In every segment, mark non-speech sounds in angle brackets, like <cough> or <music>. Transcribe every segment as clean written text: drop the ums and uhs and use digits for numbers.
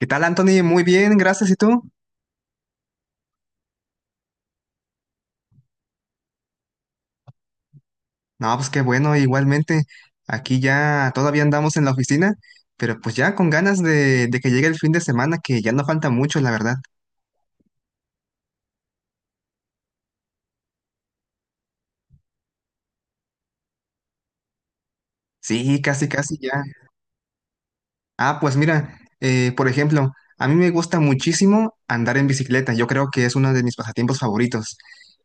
¿Qué tal, Anthony? Muy bien, gracias. ¿Y tú? No, pues qué bueno, igualmente. Aquí ya todavía andamos en la oficina, pero pues ya con ganas de que llegue el fin de semana, que ya no falta mucho, la verdad. Sí, casi, casi ya. Ah, pues mira, por ejemplo, a mí me gusta muchísimo andar en bicicleta. Yo creo que es uno de mis pasatiempos favoritos.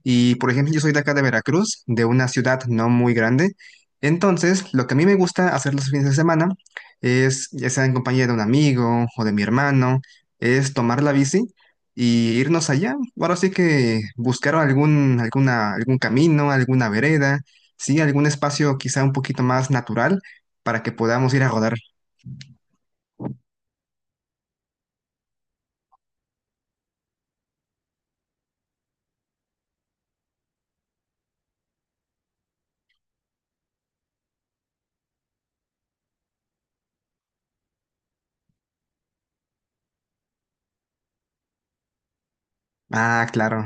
Y por ejemplo, yo soy de acá de Veracruz, de una ciudad no muy grande. Entonces, lo que a mí me gusta hacer los fines de semana es, ya sea en compañía de un amigo o de mi hermano, es tomar la bici y irnos allá. Ahora sí que buscar algún camino, alguna vereda, sí, algún espacio quizá un poquito más natural para que podamos ir a rodar. Ah, claro.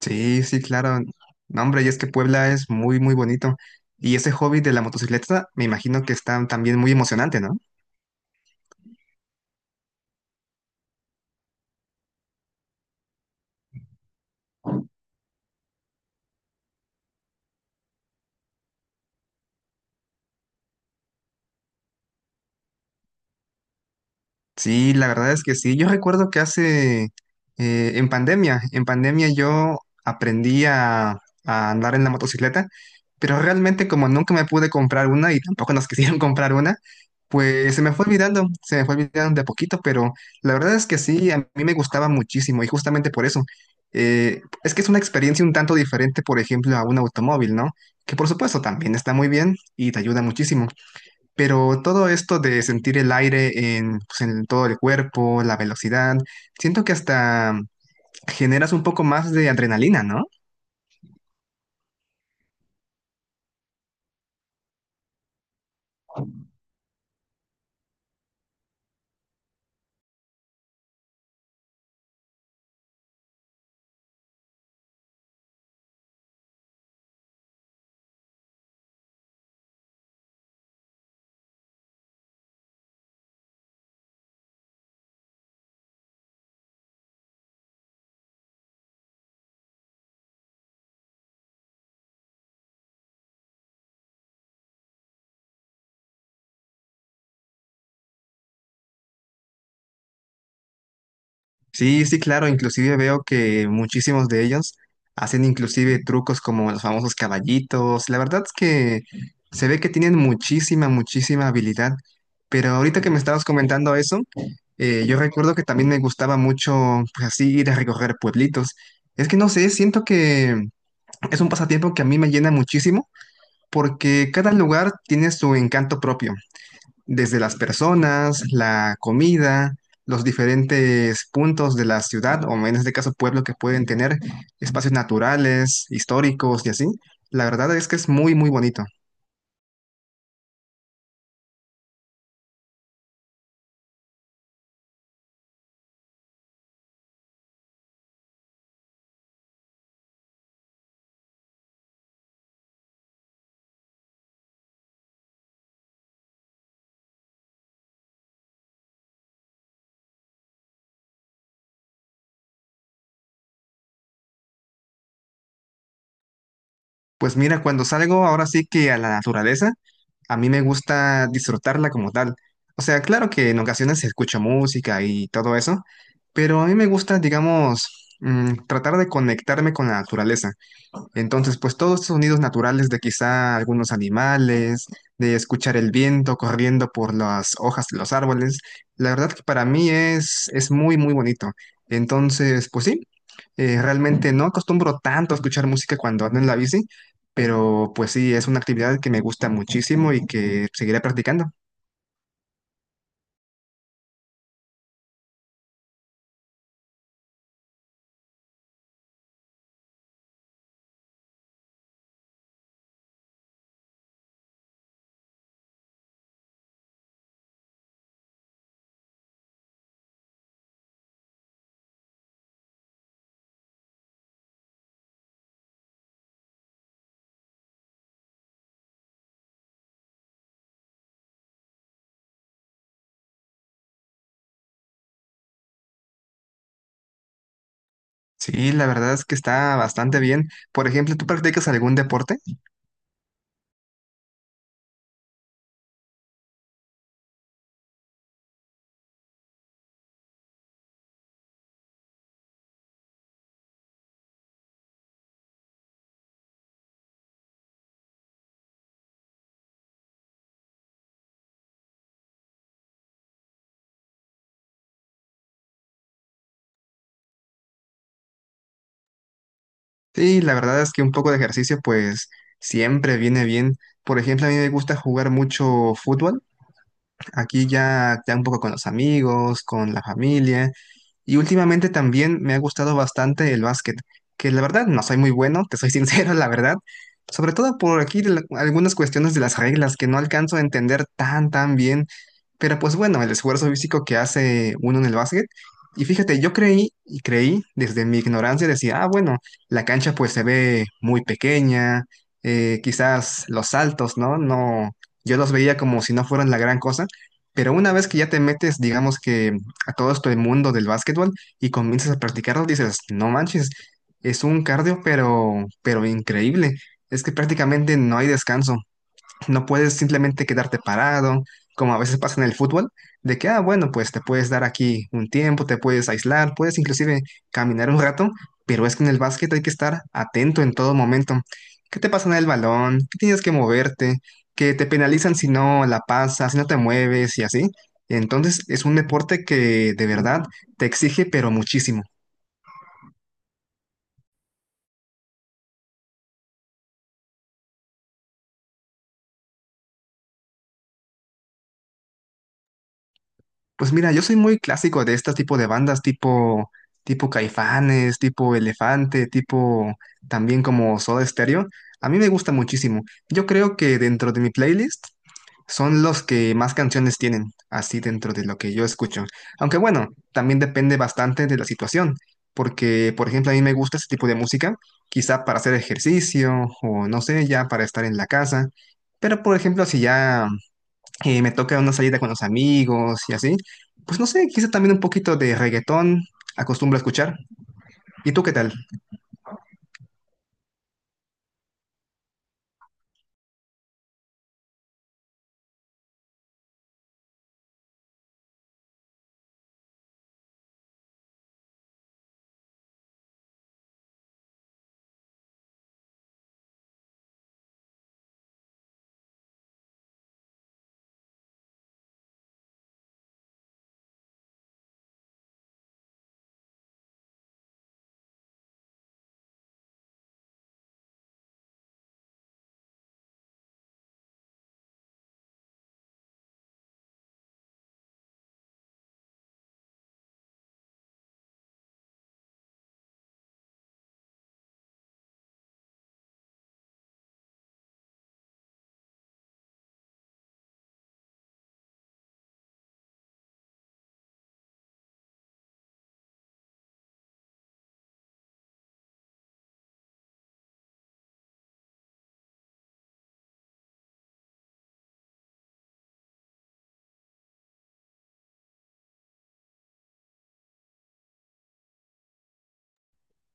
Sí, sí, claro. No, hombre, y es que Puebla es muy, muy bonito. Y ese hobby de la motocicleta, me imagino que está también muy emocionante, ¿no? Sí, la verdad es que sí. Yo recuerdo que hace, en pandemia, en pandemia yo aprendí a andar en la motocicleta, pero realmente como nunca me pude comprar una y tampoco nos <laughs> quisieron comprar una, pues se me fue olvidando, se me fue olvidando de a poquito, pero la verdad es que sí, a mí me gustaba muchísimo y justamente por eso. Es que es una experiencia un tanto diferente, por ejemplo, a un automóvil, ¿no? Que por supuesto también está muy bien y te ayuda muchísimo. Pero todo esto de sentir el aire en, pues, en todo el cuerpo, la velocidad, siento que hasta generas un poco más de adrenalina, ¿no? Sí, sí, claro, inclusive veo que muchísimos de ellos hacen inclusive trucos como los famosos caballitos. La verdad es que se ve que tienen muchísima, muchísima habilidad. Pero ahorita que me estabas comentando eso, yo recuerdo que también me gustaba mucho, pues así, ir a recorrer pueblitos. Es que no sé, siento que es un pasatiempo que a mí me llena muchísimo porque cada lugar tiene su encanto propio, desde las personas, la comida, los diferentes puntos de la ciudad, o en este caso pueblo, que pueden tener espacios naturales, históricos y así. La verdad es que es muy, muy bonito. Pues mira, cuando salgo ahora sí que a la naturaleza, a mí me gusta disfrutarla como tal. O sea, claro que en ocasiones se escucha música y todo eso, pero a mí me gusta, digamos, tratar de conectarme con la naturaleza. Entonces, pues todos estos sonidos naturales de quizá algunos animales, de escuchar el viento corriendo por las hojas de los árboles, la verdad que para mí es muy, muy bonito. Entonces, pues sí, realmente no acostumbro tanto a escuchar música cuando ando en la bici, pero pues sí, es una actividad que me gusta muchísimo y que seguiré practicando. Sí, la verdad es que está bastante bien. Por ejemplo, ¿tú practicas algún deporte? Sí, la verdad es que un poco de ejercicio pues siempre viene bien. Por ejemplo, a mí me gusta jugar mucho fútbol, aquí ya, ya un poco con los amigos, con la familia. Y últimamente también me ha gustado bastante el básquet, que la verdad no soy muy bueno, te soy <laughs> sincero, la verdad. Sobre todo por aquí algunas cuestiones de las reglas que no alcanzo a entender tan, tan bien. Pero pues bueno, el esfuerzo físico que hace uno en el básquet. Y fíjate, yo creí y creí desde mi ignorancia, decía, ah, bueno, la cancha pues se ve muy pequeña, quizás los saltos, ¿no? No, yo los veía como si no fueran la gran cosa, pero una vez que ya te metes, digamos que a todo esto el mundo del básquetbol y comienzas a practicarlo, dices, no manches, es un cardio, pero increíble. Es que prácticamente no hay descanso. No puedes simplemente quedarte parado, como a veces pasa en el fútbol, de que, ah, bueno, pues te puedes dar aquí un tiempo, te puedes aislar, puedes inclusive caminar un rato, pero es que en el básquet hay que estar atento en todo momento. ¿Qué te pasa en el balón? ¿Qué tienes que moverte? ¿Que te penalizan si no la pasas, si no te mueves y así? Entonces es un deporte que de verdad te exige, pero muchísimo. Pues mira, yo soy muy clásico de este tipo de bandas, tipo Caifanes, tipo Elefante, tipo también como Soda Stereo. A mí me gusta muchísimo. Yo creo que dentro de mi playlist son los que más canciones tienen, así dentro de lo que yo escucho. Aunque bueno, también depende bastante de la situación, porque por ejemplo a mí me gusta ese tipo de música, quizá para hacer ejercicio o no sé, ya para estar en la casa. Pero por ejemplo, si ya me toca una salida con los amigos y así, pues no sé, quizá también un poquito de reggaetón acostumbro a escuchar. ¿Y tú qué tal?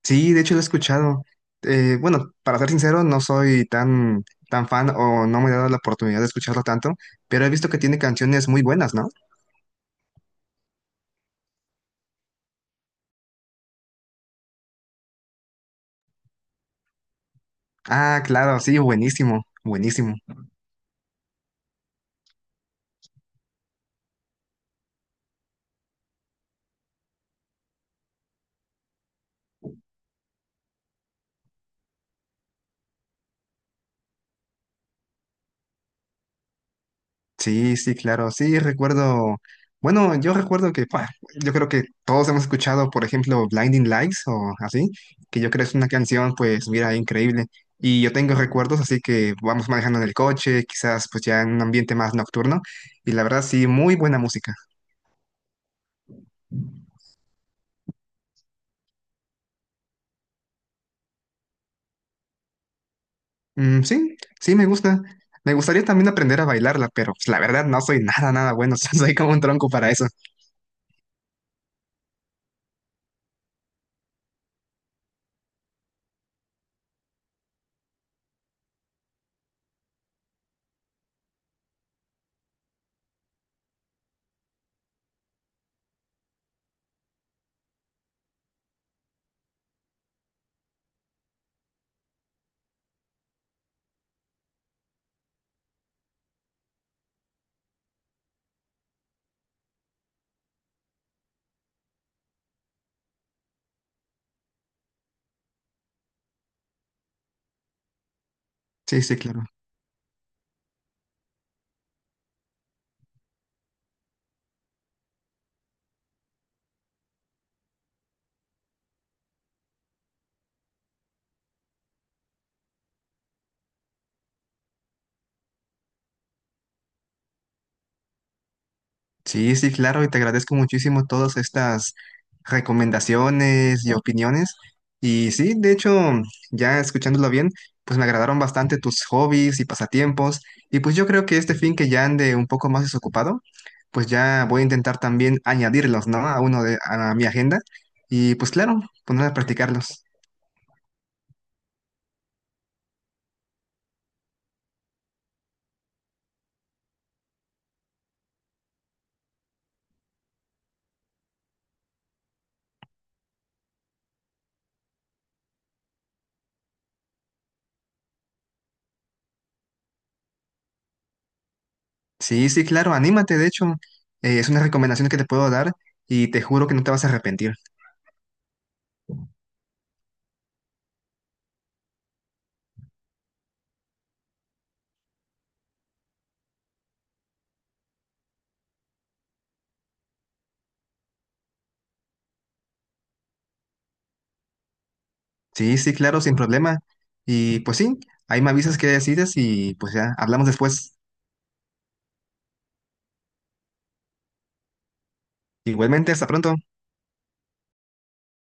Sí, de hecho lo he escuchado. Bueno, para ser sincero, no soy tan, tan fan o no me he dado la oportunidad de escucharlo tanto, pero he visto que tiene canciones muy buenas, ¿no? Ah, claro, sí, buenísimo, buenísimo. Sí, sí, claro, sí, recuerdo, bueno, yo recuerdo que, yo creo que todos hemos escuchado, por ejemplo, Blinding Lights o así, que yo creo es una canción, pues, mira, increíble. Y yo tengo recuerdos, así que vamos manejando en el coche, quizás pues ya en un ambiente más nocturno, y la verdad sí, muy buena música. Mm, sí, sí, me gusta. Me gustaría también aprender a bailarla, pero pues, la verdad no soy nada, nada bueno, <laughs> soy como un tronco para eso. Sí, sí, claro. Sí, sí, claro, y te agradezco muchísimo todas estas recomendaciones y opiniones. Y sí, de hecho, ya escuchándolo bien, pues me agradaron bastante tus hobbies y pasatiempos. Y pues yo creo que este fin que ya ande un poco más desocupado, pues ya voy a intentar también añadirlos, ¿no? A mi agenda. Y pues claro, poner a practicarlos. Sí, sí, claro, anímate, de hecho, es una recomendación que te puedo dar y te juro que no te vas a arrepentir. Sí, sí, claro, sin problema. Y pues sí, ahí me avisas qué decides y pues ya, hablamos después. Igualmente, hasta pronto.